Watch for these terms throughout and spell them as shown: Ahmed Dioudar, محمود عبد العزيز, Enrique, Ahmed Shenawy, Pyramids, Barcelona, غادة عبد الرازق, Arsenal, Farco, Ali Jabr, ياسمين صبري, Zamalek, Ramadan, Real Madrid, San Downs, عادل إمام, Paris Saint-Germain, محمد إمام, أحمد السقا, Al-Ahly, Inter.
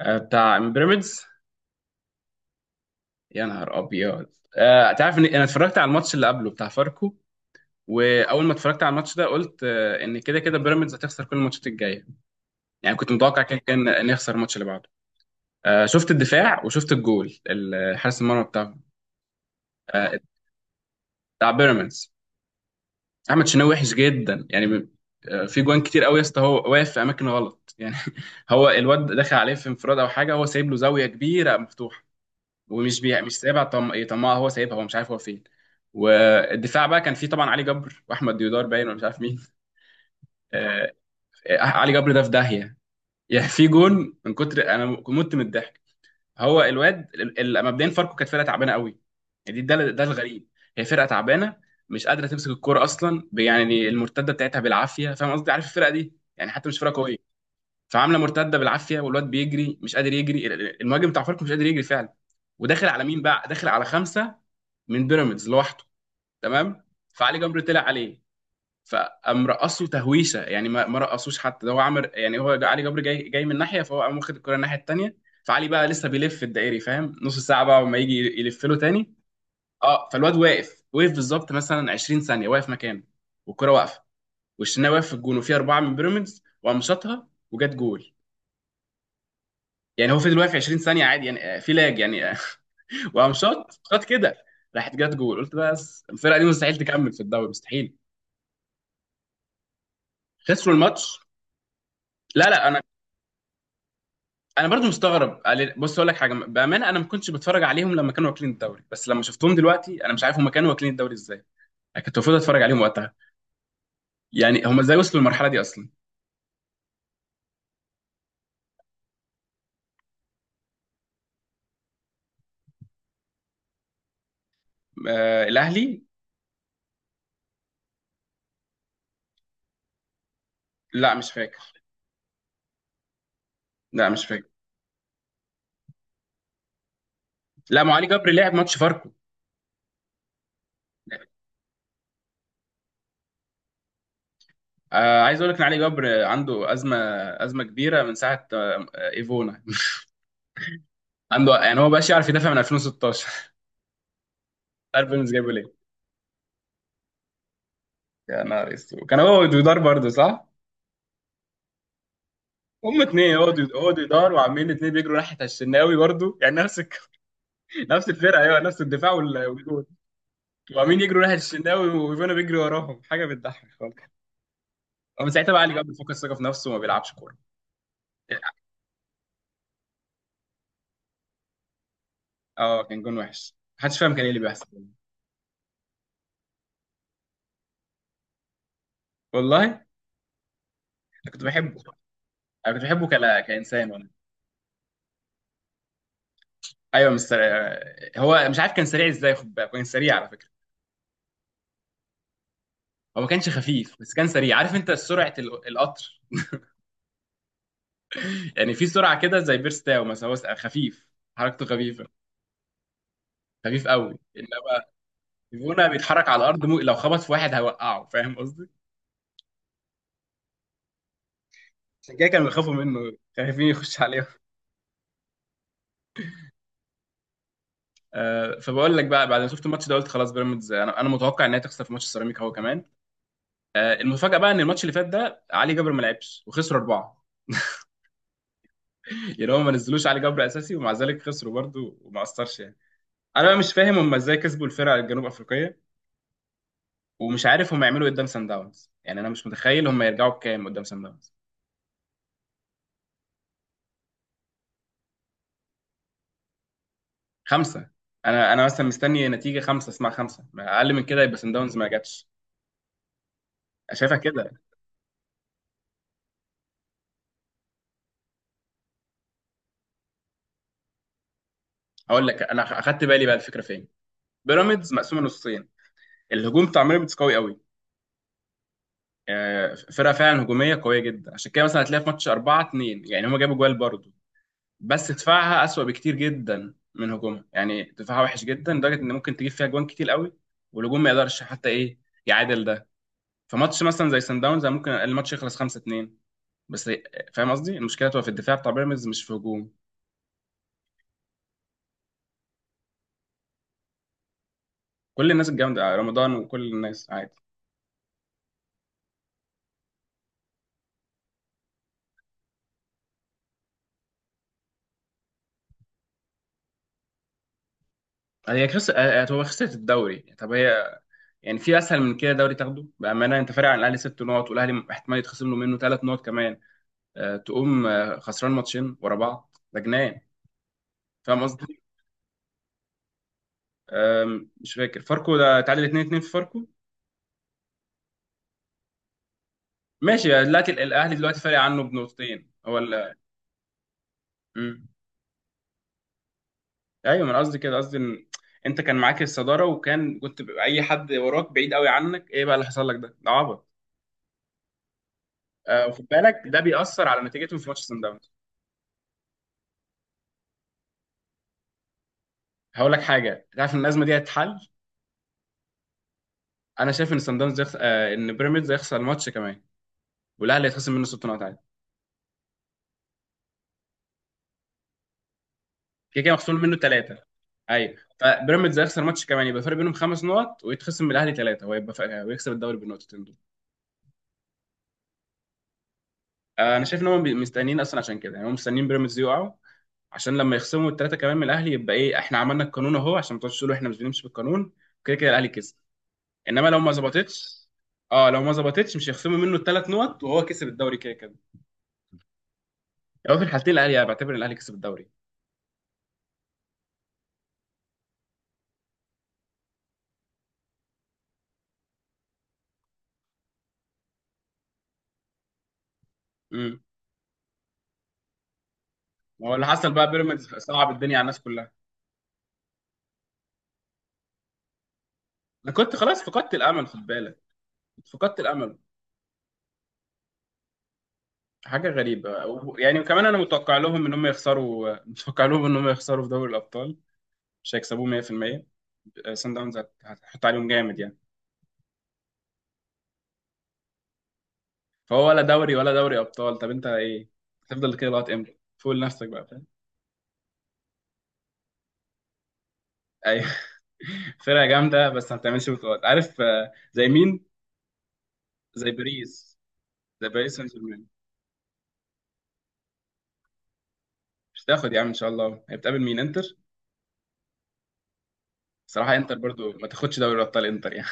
آه، بتاع بيراميدز. يا نهار ابيض. آه، تعرف ان انا اتفرجت على الماتش اللي قبله بتاع فاركو. واول ما اتفرجت على الماتش ده قلت آه، ان كده كده بيراميدز هتخسر كل الماتشات الجايه. يعني كنت متوقع كان نخسر الماتش اللي بعده. آه، شفت الدفاع وشفت الجول حارس المرمى بتاعه. آه، بتاع بيراميدز. احمد شناوي وحش جدا يعني. آه، في جوان كتير قوي يا اسطى، هو واقف في اماكن غلط يعني. هو الواد دخل عليه في انفراد او حاجه، هو سايب له زاويه كبيره مفتوحه. ومش بيع مش سايبها طماع، هو سايبها، هو مش عارف هو فين. والدفاع بقى كان فيه طبعا علي جبر واحمد ديودار، باين ولا مش عارف مين. آه... آه، علي جبر ده في داهيه. يعني في جون من كتر انا مت من الضحك. هو الواد مبدئيا فاركو كانت فرقه تعبانه قوي. يعني دي ده ده الغريب. هي فرقه تعبانه، مش قادره تمسك الكوره اصلا، يعني المرتده بتاعتها بالعافيه، فاهم قصدي، عارف الفرقه دي يعني حتى مش فرقه قويه. فعامله مرتده بالعافيه، والواد بيجري مش قادر يجري، المهاجم بتاع فاركو مش قادر يجري فعلا. وداخل على مين بقى؟ داخل على خمسه من بيراميدز لوحده. تمام، فعلي جبر طلع عليه، فقام رقصه تهويشه يعني، ما رقصوش حتى. ده هو عمل يعني، هو علي جبر جاي جاي من ناحيه، فهو قام واخد الكره الناحيه التانيه. فعلي بقى لسه بيلف الدائري، فاهم، نص ساعه بقى وما يجي يلف له تاني. اه فالواد واقف، وقف بالظبط مثلا 20 ثانيه واقف مكانه، والكره واقفه، والشناوي واقف في الجون وفي اربعه من بيراميدز، وقام شاطها وجت جول. يعني هو فضل واقف 20 ثانيه عادي يعني، آه، في لاج يعني وقام شاط شاط كده. راحت جت جول، قلت بس الفرقه دي مستحيل تكمل في الدوري، مستحيل. خسروا الماتش. لا لا، انا برضو مستغرب، بص اقول لك حاجه بامانه، انا ما كنتش بتفرج عليهم لما كانوا واكلين الدوري، بس لما شفتهم دلوقتي انا مش عارف هم كانوا واكلين الدوري ازاي. انا كنت المفروض اتفرج عليهم وقتها، يعني هم ازاي وصلوا للمرحله دي اصلا؟ آه الاهلي. لا مش فاكر. لا مش فاكر. لا، ما علي جبر لعب ماتش فاركو. آه عايز اقول لك ان علي جبر عنده ازمه، ازمه كبيره من ساعه آه ايفونا. عنده يعني، هو بقاش يعرف يدافع من 2016. عارف بيراميدز جايبه ليه؟ يا نهار اسود، كان هو ودودار برضه صح. هم اتنين عقدوا دار وعاملين اتنين بيجروا ناحية الشناوي برضو، يعني نفس نفس الفرقة، ايوه نفس الدفاع والجول. وعاملين يجروا ناحية الشناوي وفينا بيجري وراهم، حاجة بتضحك خالص. ومن ساعتها بقى علي جاب فقد الثقة في نفسه وما بيلعبش كورة. اه كان جون وحش، محدش فاهم كان ايه اللي بيحصل. والله انا كنت بحبه، انا كنت بحبه كإنسان وانا. ايوه مش سريع. هو مش عارف كان سريع ازاي، خد بالك كان سريع على فكرة. هو ما كانش خفيف بس كان سريع، عارف انت سرعة القطر. يعني في سرعة كده زي بيرستاو مثلا، هو خفيف، حركته خفيفة. خفيف قوي انما فيفونا بيتحرك على الارض، لو خبط في واحد هيوقعه، فاهم قصدي. عشان كده كانوا بيخافوا منه، خايفين يخش عليهم. آه فبقول لك بقى بعد ما شفت الماتش ده قلت خلاص بيراميدز، انا متوقع ان هي تخسر في ماتش السيراميكا هو كمان. آه المفاجاه بقى ان الماتش اللي فات ده علي جبر ما لعبش وخسروا اربعه. يعني هم ما نزلوش علي جبر اساسي ومع ذلك خسروا برضه وما اثرش يعني. انا بقى مش فاهم هم ازاي كسبوا الفرقه الجنوب افريقيه، ومش عارف هم يعملوا ايه قدام سان داونز. يعني انا مش متخيل هم يرجعوا بكام قدام سان داونز. خمسة. انا مثلا مستني نتيجة خمسة، اسمع خمسة ما اقل من كده، يبقى سان داونز ما جاتش. أنا شايفها كده. هقول لك انا اخدت بالي بقى الفكرة فين. بيراميدز مقسومة نصين، الهجوم بتاع بيراميدز قوي قوي. آه، فرقة فعلا هجومية قوية جدا، عشان كده مثلا هتلاقي في ماتش 4-2، يعني هما جابوا جوال برضه. بس دفاعها أسوأ بكتير جدا من هجومها، يعني دفاعها وحش جدا لدرجة ان ممكن تجيب فيها جوان كتير قوي، والهجوم ما يقدرش حتى ايه يعادل ده. فماتش مثلا زي سان داونز أنا ممكن الماتش يخلص 5. بس فاهم قصدي، المشكله تبقى في الدفاع بتاع بيراميدز مش في هجوم. كل الناس الجامده، آه، رمضان وكل الناس عادي. هي خس... هو خسرت الدوري، طب هي يعني في اسهل من كده دوري تاخده؟ بامانه انت فارق عن الاهلي 6 نقط، والاهلي احتمال يتخصم له منه 3 نقط كمان. أه تقوم آه، خسران ماتشين ورا بعض، ده جنان، فاهم قصدي. آم، مش فاكر، فاركو ده تعادل 2-2 في فاركو. ماشي دلوقتي الاهلي دلوقتي فارق عنه بنقطتين هو ال- ايوه، ما انا قصدي كده، قصدي ان انت كان معاك الصداره وكان كنت بيبقى اي حد وراك بعيد قوي عنك، ايه بقى اللي حصل لك ده؟ ده عبط. آه وخد بالك ده بيأثر على نتيجتهم في ماتش سان داونز. هقول لك حاجه، تعرف ان الازمه دي هتتحل. انا شايف ان سان داونز يخس... آه ان بيراميدز هيخسر الماتش كمان، والاهلي هيتخصم منه 6 نقط عادي. كده كده مخصوم منه ثلاثه. ايوه، فبيراميدز هيخسر ماتش كمان، يبقى الفرق بينهم 5 نقط، ويتخصم من الاهلي ثلاثه، ويكسب الدوري بالنقطتين دول. آه انا شايف ان مستنيين اصلا، عشان كده يعني هم مستنيين بيراميدز يقعوا، عشان لما يخصموا الثلاثه كمان من الاهلي يبقى ايه؟ احنا عملنا القانون اهو، عشان ما تقعدوش تقولوا احنا مش بنمشي بالقانون، كده كده الاهلي كسب. انما لو ما ظبطتش، اه لو ما ظبطتش مش هيخصموا منه ال3 نقط وهو كسب الدوري كده كده. يعني هو في الحالتين الاهلي، انا بعتبر ان الاهلي كسب الدوري. امم. هو اللي حصل بقى بيراميدز صعب الدنيا على الناس كلها. انا كنت خلاص فقدت الامل، خد بالك، كنت فقدت الامل. حاجه غريبه يعني، وكمان انا متوقع لهم ان هم يخسروا. متوقع لهم ان هم يخسروا في دوري الابطال، مش هيكسبوه 100%. سان داونز هتحط عليهم جامد يعني. فهو ولا دوري ولا دوري ابطال، طب انت ايه؟ هتفضل كده لغايه امتى فوق لنفسك بقى، فاهم؟ ايوه. فرقه جامده بس ما بتعملش بطولات، عارف آه، زي مين؟ زي باريس، زي باريس سان جيرمان. مش تاخد يا عم، ان شاء الله هي بتقابل مين، انتر؟ صراحه انتر برضو ما تاخدش دوري ابطال، انتر يعني.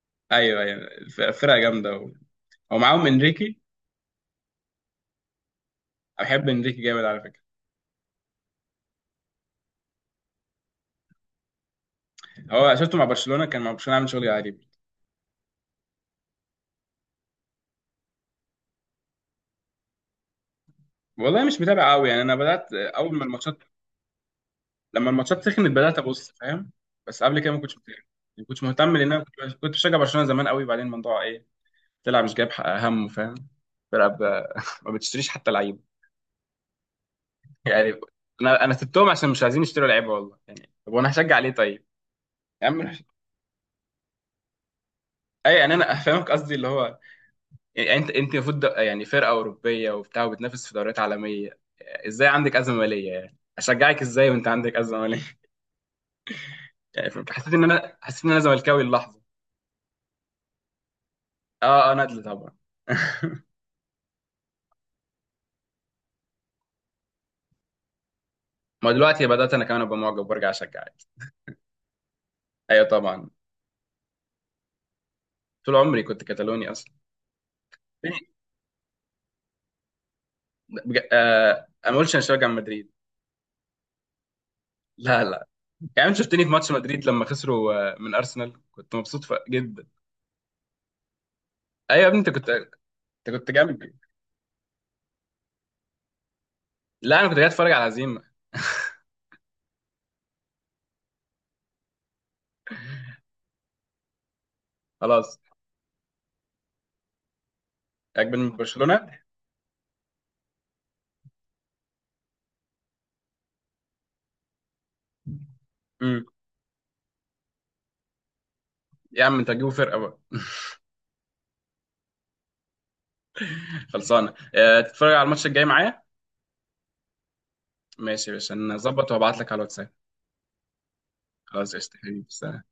ايوه ايوه فرقه جامده ومعاهم انريكي. أنا بحب انريكي جامد على فكره. هو شفته مع برشلونه، كان مع برشلونه عامل شغل عجيب. والله مش متابع قوي يعني، انا بدات آه، اول ما الماتشات لما الماتشات سخنت بدات ابص، فاهم. بس قبل كده ما كنتش مهتم، ما كنتش مهتم لان انا كنت بشجع برشلونه زمان قوي، بعدين الموضوع ايه، طلع مش جايب حق همه، فاهم. فرقه ب... ما بتشتريش حتى لعيبه يعني، انا سبتهم عشان مش عايزين يشتروا لعيبه والله يعني، طب وانا هشجع ليه طيب؟ يا عم اي يعني انا فاهمك، قصدي اللي هو، يعني انت المفروض يعني فرقه اوروبيه وبتاع وبتنافس في دوريات عالميه، ازاي عندك ازمه ماليه يعني، اشجعك ازاي وانت عندك ازمه ماليه؟ يعني فاهم؟ حسيت ان انا حسيت ان انا زملكاوي اللحظه. اه اه ندل طبعا. ما دلوقتي بدأت أنا كمان أبقى معجب وأرجع أشجع عادي. أيوه طبعا. طول عمري كنت كتالوني أصلا. أنا ما قلتش أنا شجع مدريد. لا لا. يعني أنت شفتني في ماتش مدريد لما خسروا آه، من أرسنال كنت مبسوط جدا. أيوه يا ابني أنت كنت أنت، كنت جنبي. لا أنا كنت جاي أتفرج على هزيمة. خلاص. عجبني من برشلونة. امم. يا عم أنت هتجيبوا فرقة بقى؟ خلصانة تتفرج على الماتش الجاي معايا؟ ماشي يا باشا، نظبط وهبعت لك على الواتساب. خلاص قشطة حبيبي سلام.